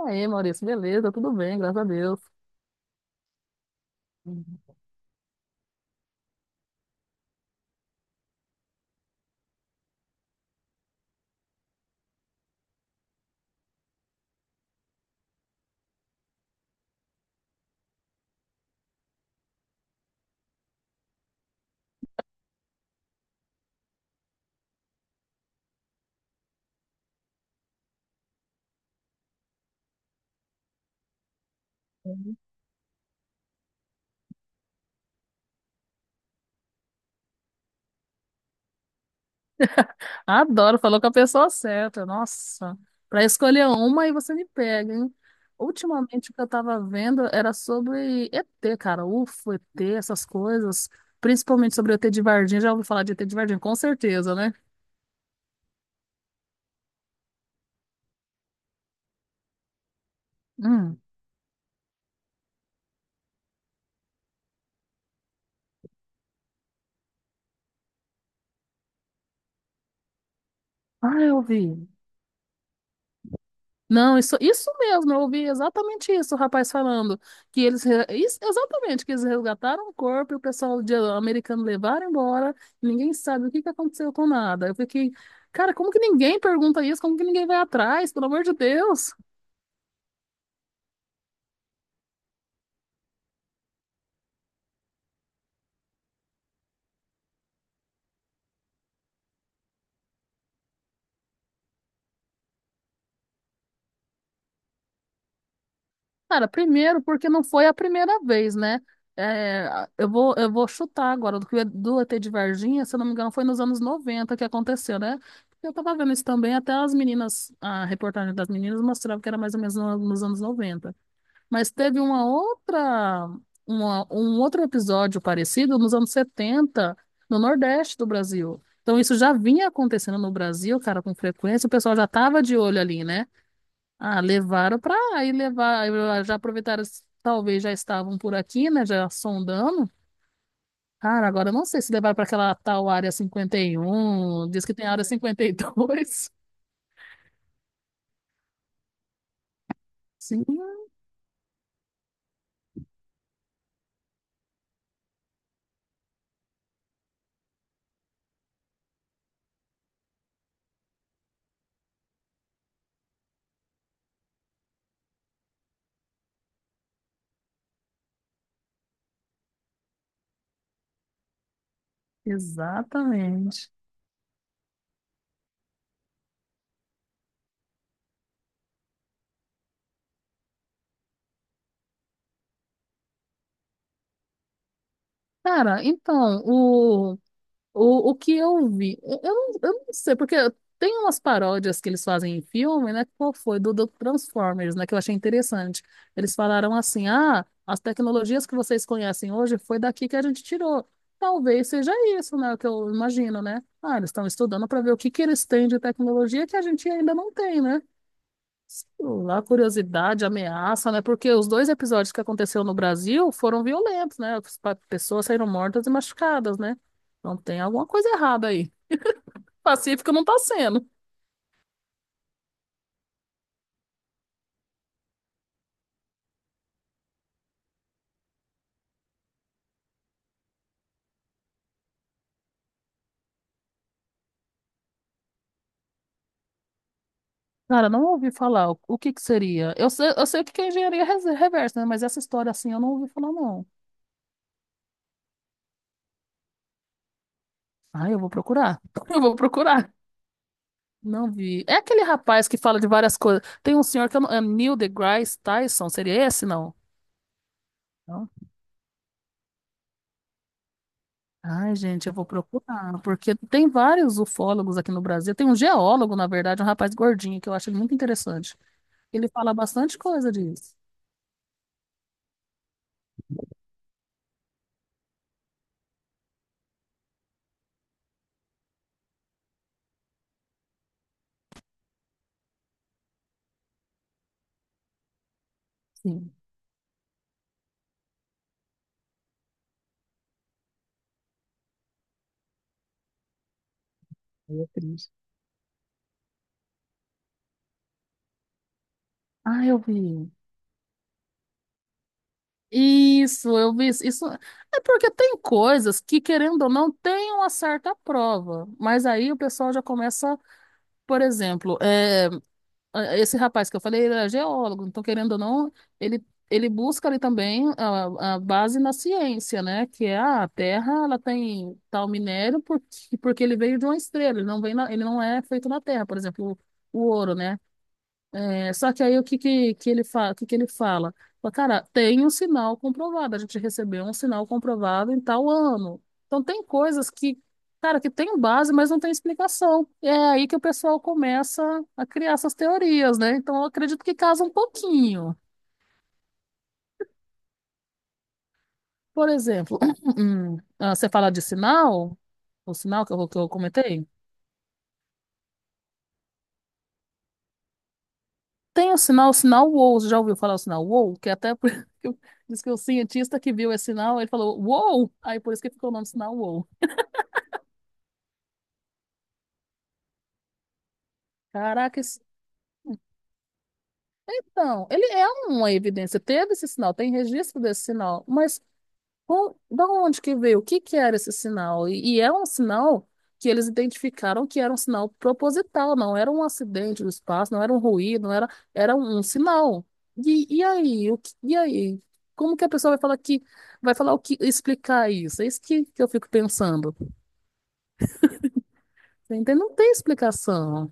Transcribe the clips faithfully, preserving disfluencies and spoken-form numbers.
Aí, Maurício, beleza, tudo bem, graças a Deus. Uhum. Adoro, falou com a pessoa certa. Nossa, para escolher uma aí você me pega, hein? Ultimamente o que eu tava vendo era sobre E T, cara. U F O, E T, essas coisas. Principalmente sobre o E T de Varginha. Já ouvi falar de E T de Varginha, com certeza, né? Hum. Ah, eu vi. Não, isso, isso mesmo, eu ouvi exatamente isso, o rapaz falando, que eles, re- isso- exatamente, que eles resgataram o corpo e o pessoal de- americano levaram embora, ninguém sabe o que que aconteceu com nada. Eu fiquei, cara, como que ninguém pergunta isso? Como que ninguém vai atrás? Pelo amor de Deus! Cara, primeiro porque não foi a primeira vez, né? É, eu vou, eu vou chutar agora, do que do E T de Varginha, se eu não me engano, foi nos anos noventa que aconteceu, né? Eu tava vendo isso também, até as meninas, a reportagem das meninas mostrava que era mais ou menos no- nos anos noventa. Mas teve uma outra, uma- um outro episódio parecido nos anos setenta no Nordeste do Brasil. Então isso já vinha acontecendo no Brasil, cara, com frequência, o pessoal já tava de olho ali, né? Ah, levaram para aí levar, eu- ah, já aproveitaram, talvez já estavam por aqui, né, já sondando. Cara, agora eu não sei se levaram para aquela tal área cinquenta e um. Diz que tem área cinquenta e dois. Sim. Exatamente. Cara, então, O, o que eu vi, eu, eu, não, eu não sei, porque tem umas paródias que eles fazem em filme, né? Qual foi? Do, do Transformers, né? Que eu achei interessante. Eles falaram assim: ah, as tecnologias que vocês conhecem hoje foi daqui que a gente tirou. Talvez seja isso, né? O que eu imagino, né? Ah, eles estão estudando para ver o que que eles têm de tecnologia que a gente ainda não tem, né? Sei lá, curiosidade, ameaça, né? Porque os dois episódios que aconteceu no Brasil foram violentos, né? As pa- Pessoas saíram mortas e machucadas, né? Então tem alguma coisa errada aí. Pacífico não tá sendo. Cara, não ouvi falar o o que que seria. Eu sei, eu sei o que que é engenharia res- reversa, né? Mas essa história assim eu não ouvi falar, não. Ah, eu vou procurar. Eu vou procurar. Não vi. É aquele rapaz que fala de várias coisas. Tem um senhor que eu não... É Neil deGrasse Tyson, seria esse, não? Ai, gente, eu vou procurar, porque tem vários ufólogos aqui no Brasil. Tem um geólogo, na verdade, um rapaz gordinho, que eu acho ele muito interessante. Ele fala bastante coisa disso. Sim. Aí é triste. Ah, eu vi. Isso, eu vi. Isso Isso- é porque tem coisas que, querendo ou não, tem uma certa prova. Mas aí o pessoal já começa, por exemplo, é, ah, esse rapaz que eu falei, ele é geólogo, então querendo ou não, ele, ele busca ali também a, a base na ciência, né? Que é ah, a Terra, ela tem tal minério porque, porque ele veio de uma estrela, ele não vem na- ele não é feito na Terra, por exemplo, o, o ouro, né? É, só que aí o que, que, que ele fala, que, que ele fala? Fala, cara, tem um sinal comprovado, a gente recebeu um sinal comprovado em tal ano. Então tem coisas que, cara, que tem base, mas não tem explicação. E é aí que o pessoal começa a criar essas teorias, né? Então eu acredito que casa um pouquinho. Por exemplo, hum, ah, você fala de sinal, o sinal que eu, que eu comentei? Tem o sinal, o sinal WOW. Você já ouviu falar o sinal WOW? Que é até por... Diz que o cientista que viu esse sinal, ele falou WOW! Aí por isso que ficou o nome do sinal WOW. Caraca, esse- então, ele é uma evidência. Teve esse sinal, tem registro desse sinal, mas Com- da onde que veio? O que que era esse sinal? E, e é um sinal que eles identificaram que era um sinal proposital, não era um acidente do espaço, não era um ruído, não era, era um, um sinal. E, e aí? O que- e aí? Como que a pessoa vai falar que vai falar o que explicar isso? É isso que, que eu fico pensando. Entende? Não tem explicação.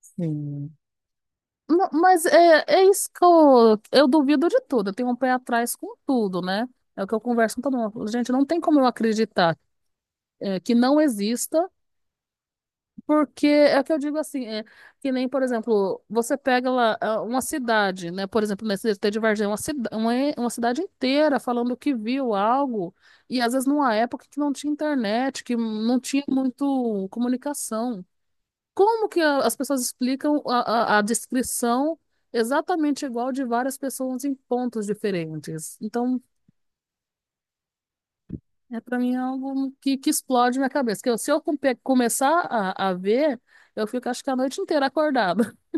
Sim. Não, mas é, é isso que eu, eu duvido de tudo. Eu tenho um pé atrás com tudo, né? É o que eu converso com todo mundo. Gente, não tem como eu acreditar é, que não exista, porque é o que eu digo assim, é, que nem, por exemplo, você pega lá ah, uma cidade, né? Por exemplo, nesse D T de Varginha, uma, cida- uma, e- uma cidade inteira falando que viu algo, e às vezes numa época que não tinha internet, que não tinha muito comunicação. Como que a- as pessoas explicam a, a, a descrição exatamente igual de várias pessoas em pontos diferentes? Então, é, para mim é algo que, que explode minha cabeça. Que eu- se eu compe- Começar a, a ver, eu fico acho que a noite inteira acordada.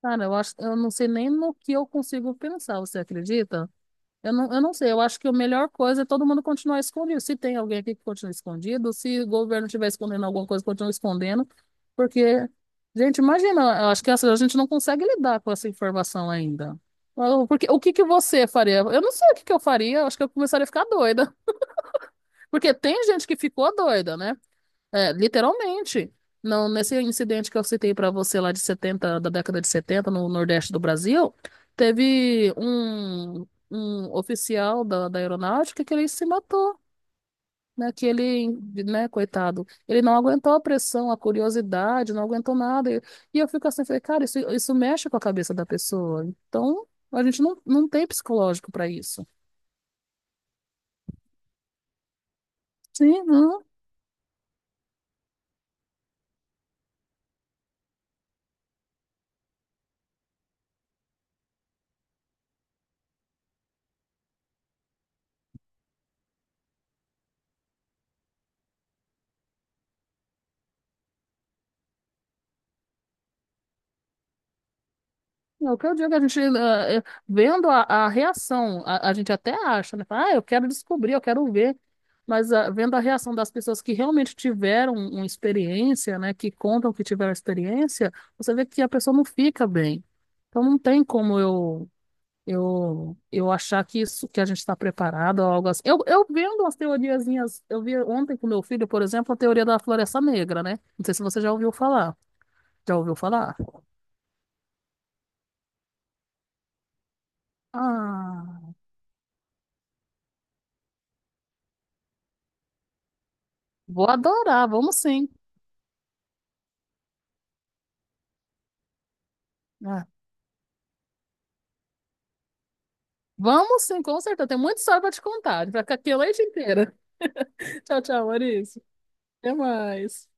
Cara, eu acho, eu não sei nem no que eu consigo pensar, você acredita? Eu não, eu não sei, eu acho que a melhor coisa é todo mundo continuar escondido. Se tem alguém aqui que continua escondido, se o governo estiver escondendo alguma coisa, continua escondendo. Porque, gente, imagina, eu acho que essa- a gente não consegue lidar com essa informação ainda. Então, porque, o que que você faria? Eu não sei o que que eu faria, eu acho que eu começaria a ficar doida. Porque tem gente que ficou doida, né? É, literalmente. Não, nesse incidente que eu citei para você lá de setenta da década de setenta no Nordeste do Brasil, teve um, um oficial da, da aeronáutica que ele se matou, né? Que ele, né, coitado, ele não aguentou a pressão, a curiosidade, não aguentou nada. E, e eu fico assim, falei, cara, isso, isso mexe com a cabeça da pessoa. Então, a gente não, não tem psicológico para isso. Sim, não É o que eu digo, a gente, eh, eh, vendo a, a reação, a, a gente até acha, né? Fala, ah, eu quero descobrir, eu quero ver. Mas ah, vendo a reação das pessoas que realmente tiveram um, uma experiência, né? Que contam que tiveram experiência, você vê que a pessoa não fica bem. Então não tem como eu eu, eu achar que isso que a gente está preparado ou algo assim. Eu, eu vendo as teoriazinhas, eu vi ontem com meu filho, por exemplo, a teoria da floresta negra, né? Não sei se você já ouviu falar. Já ouviu falar? Ah. Vou adorar, vamos sim. Ah, vamos sim, com certeza. Tem muita história pra te contar. Vai ficar aqui a noite inteira. Tchau, tchau, Maurício. Até mais.